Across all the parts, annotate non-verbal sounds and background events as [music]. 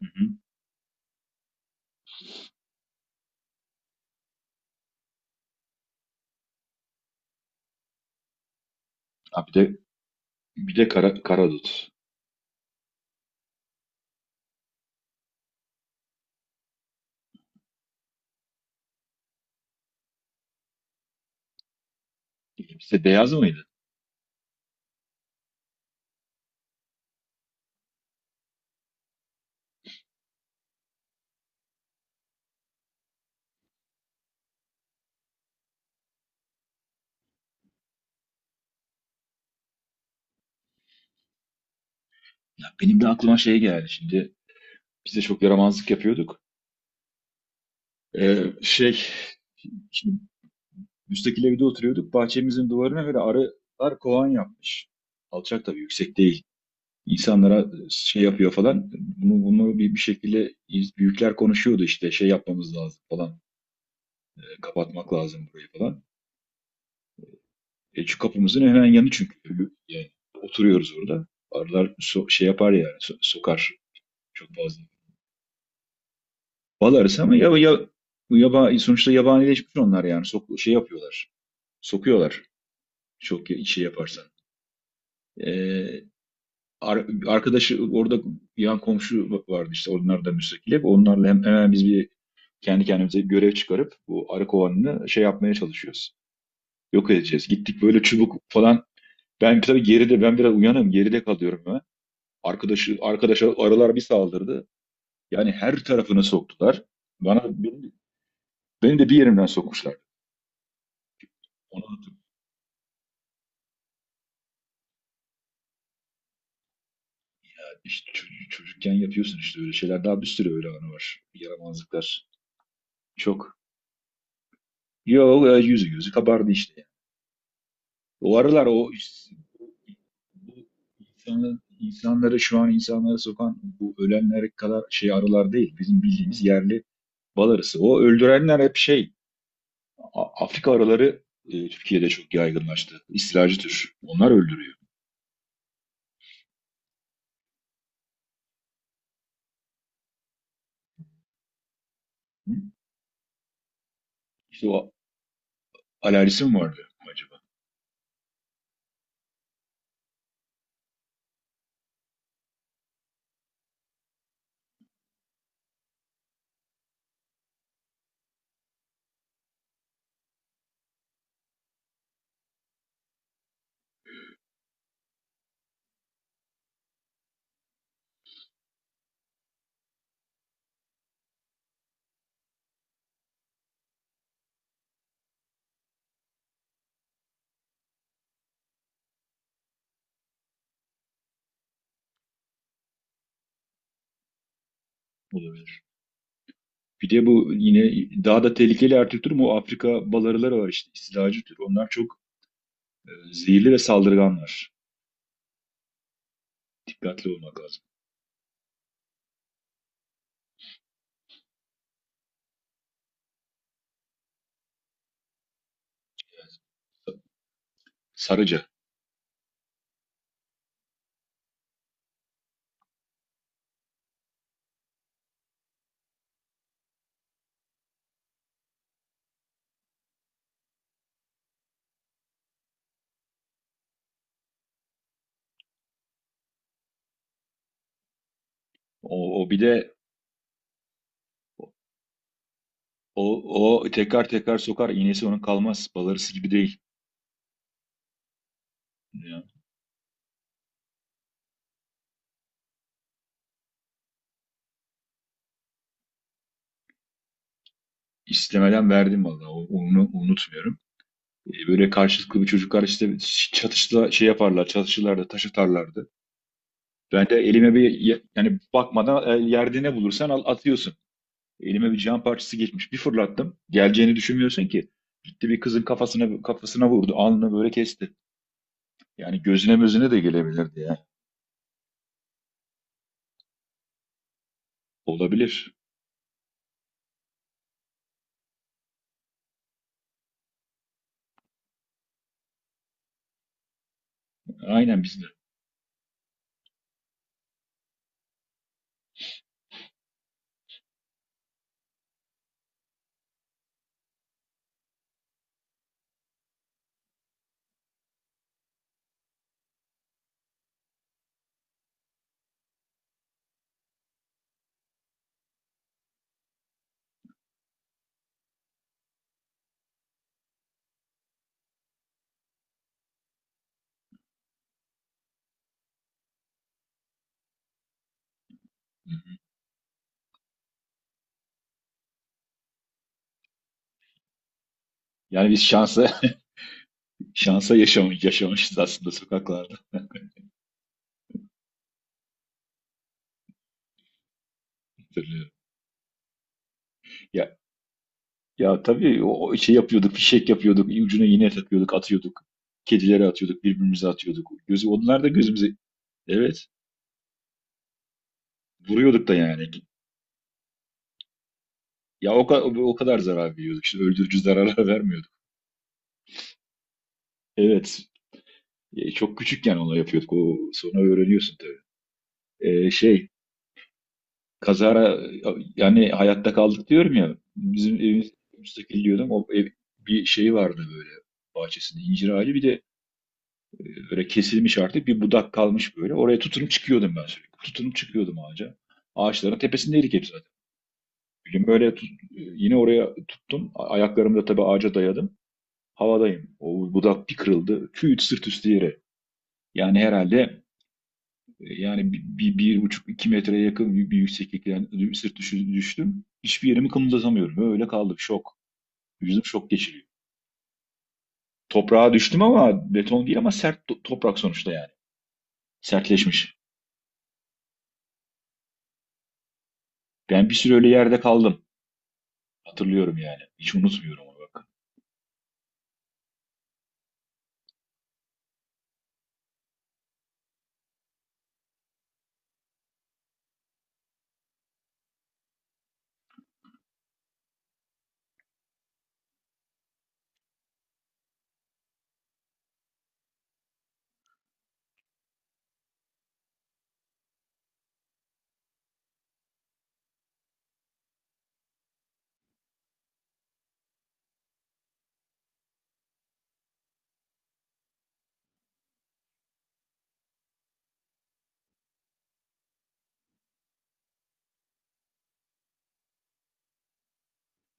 Hı. Ha, bir de karadut. İkisi de beyaz mıydı? Ya benim de aklıma şey geldi şimdi. Biz de çok yaramazlık yapıyorduk. Ee, şey Şimdi müstakil evde oturuyorduk. Bahçemizin duvarına böyle arılar kovan yapmış. Alçak tabii, yüksek değil. İnsanlara şey yapıyor falan. Bunu bir şekilde büyükler konuşuyordu işte, şey yapmamız lazım falan. Kapatmak lazım burayı falan. Şu kapımızın hemen yanı çünkü. Yani oturuyoruz orada. Arılar şey yapar yani, sokar. Çok fazla. Bal arısı ama sonuçta yabanileşmiş onlar yani. Sok, şey yapıyorlar. Sokuyorlar. Çok şey yaparsan. Ee, Arkadaşı orada, yan komşu vardı işte. Onlar da müstakil hep. Onlarla hemen biz bir kendi kendimize bir görev çıkarıp bu arı kovanını şey yapmaya çalışıyoruz. Yok edeceğiz. Gittik böyle çubuk falan. Ben tabii geride, ben biraz uyanım. Geride kalıyorum ben. Arkadaşa arılar bir saldırdı. Yani her tarafını soktular. Bana beni, beni de bir yerimden sokmuşlar. Onu da işte çocukken yapıyorsun işte, öyle şeyler. Daha bir sürü öyle anı var. Yaramazlıklar. Çok. Yok, yüzü gözü kabardı işte, yani. O aralar bu insanları, şu an insanları sokan bu ölenler kadar şey arılar değil. Bizim bildiğimiz yerli bal arısı. O öldürenler hep şey, Afrika arıları Türkiye'de çok yaygınlaştı. İstilacı tür. Onlar öldürüyor. Hı? İşte o, alerjisi mi vardı acaba? Bir de bu yine daha da tehlikeli her türlü tür mu? Afrika balarıları var işte, istilacı tür. Onlar çok zehirli ve saldırganlar. Dikkatli olmak lazım. Sarıca. O bir de o, o tekrar tekrar sokar. İğnesi onun kalmaz. Balarısı gibi değil. Ya, istemeden verdim vallahi. Onu unutmuyorum. Böyle karşılıklı bir çocuklar işte çatışla şey yaparlar. Çatışırlardı, taş atarlardı. Ben de elime bir yani bakmadan, yerde ne bulursan al, atıyorsun. Elime bir cam parçası geçmiş. Bir fırlattım. Geleceğini düşünmüyorsun ki. Gitti, bir kızın kafasına vurdu. Alnını böyle kesti. Yani gözüne mözüne de gelebilirdi ya. Olabilir. Aynen biz de. Yani biz şansa [laughs] şansa yaşamışız aslında sokaklarda. Hatırlıyorum. Ya ya tabii, o şey yapıyorduk, fişek yapıyorduk, ucuna iğne takıyorduk, atıyorduk. Kedilere atıyorduk, birbirimize atıyorduk. Gözü, onlar da gözümüze, evet, vuruyorduk da yani. Ya o, o kadar zarar veriyorduk. İşte öldürücü zararlar [laughs] vermiyorduk. Evet. Çok küçükken onu yapıyorduk. O sonra öğreniyorsun tabii. Şey, kazara, yani hayatta kaldık diyorum ya. Bizim evimiz müstakil diyordum. O ev, bir şeyi vardı böyle, bahçesinde incir ağacı, bir de e, böyle kesilmiş artık bir budak kalmış böyle. Oraya tutunup çıkıyordum ben sürekli. Tutunup çıkıyordum ağaca. Ağaçların tepesindeydik hep zaten. Bir gün böyle yine oraya tuttum. Ayaklarımı da tabii ağaca dayadım. Havadayım. O budak bir kırıldı. Küt, sırt üstü yere. Yani herhalde, yani bir buçuk iki metreye yakın bir yükseklikten sırt düştüm. Hiçbir yerimi kımıldatamıyorum. Öyle kaldım. Şok. Vücudum şok geçiriyor. Toprağa düştüm ama beton değil, ama sert toprak sonuçta yani. Sertleşmiş. Ben bir süre öyle yerde kaldım. Hatırlıyorum yani. Hiç unutmuyorum onu, bak.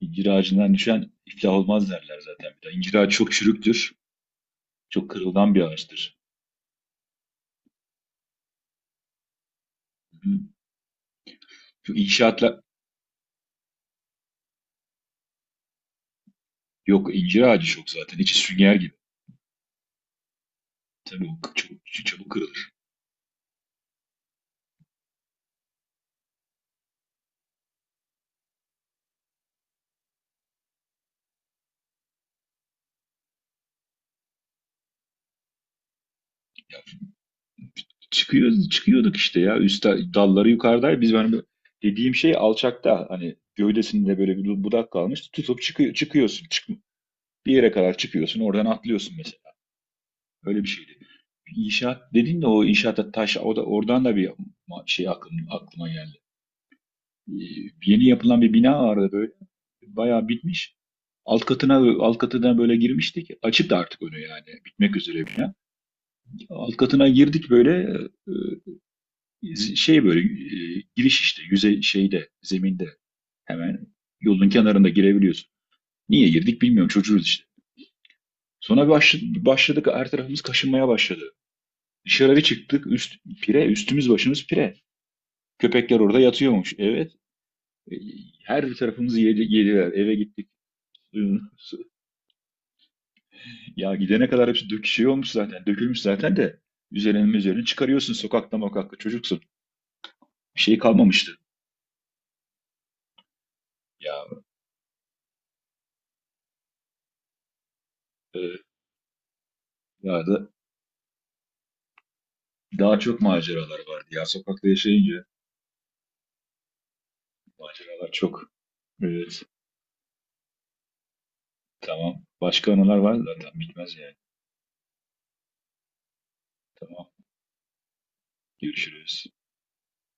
İncir ağacından düşen iflah olmaz derler zaten bir de. İncir ağacı çok çürüktür. Çok kırılgan bir ağaçtır. Hı. Şu inşaatla Yok, incir ağacı çok zaten. İçi sünger gibi. Tabii o çok, çok çabuk kırılır. Çıkıyorduk işte ya. Üst dalları yukarıdaydı. Biz, benim dediğim şey alçakta, hani gövdesinde böyle bir budak kalmış. Tutup çıkıyorsun. Bir yere kadar çıkıyorsun. Oradan atlıyorsun mesela. Öyle bir şeydi. İnşaat dedin de, o inşaatta taş, o da oradan da bir şey aklıma geldi. Ee, Yeni yapılan bir bina vardı böyle. Bayağı bitmiş. Alt katına alt katına böyle girmiştik. Açıktı artık önü yani. Bitmek üzere bina. Alt katına girdik böyle. Ee, Şey böyle, giriş işte yüzey şeyde, zeminde, hemen yolun kenarında girebiliyorsun. Niye girdik bilmiyorum, çocuğuz işte. Sonra başladık, her tarafımız kaşınmaya başladı. Dışarı bir çıktık. Pire, üstümüz başımız pire. Köpekler orada yatıyormuş. Evet. E, Her tarafımızı yediler. Eve gittik. [laughs] Ya gidene kadar hepsi şey olmuş zaten. Dökülmüş zaten de. Üzerine üzerine çıkarıyorsun, sokakta mokakta çocuksun. Bir şey kalmamıştı. Ya e, Ya da daha çok maceralar vardı ya. Sokakta yaşayınca maceralar çok. Evet. Tamam. Başka anılar var zaten, bitmez yani. Tamam. Görüşürüz.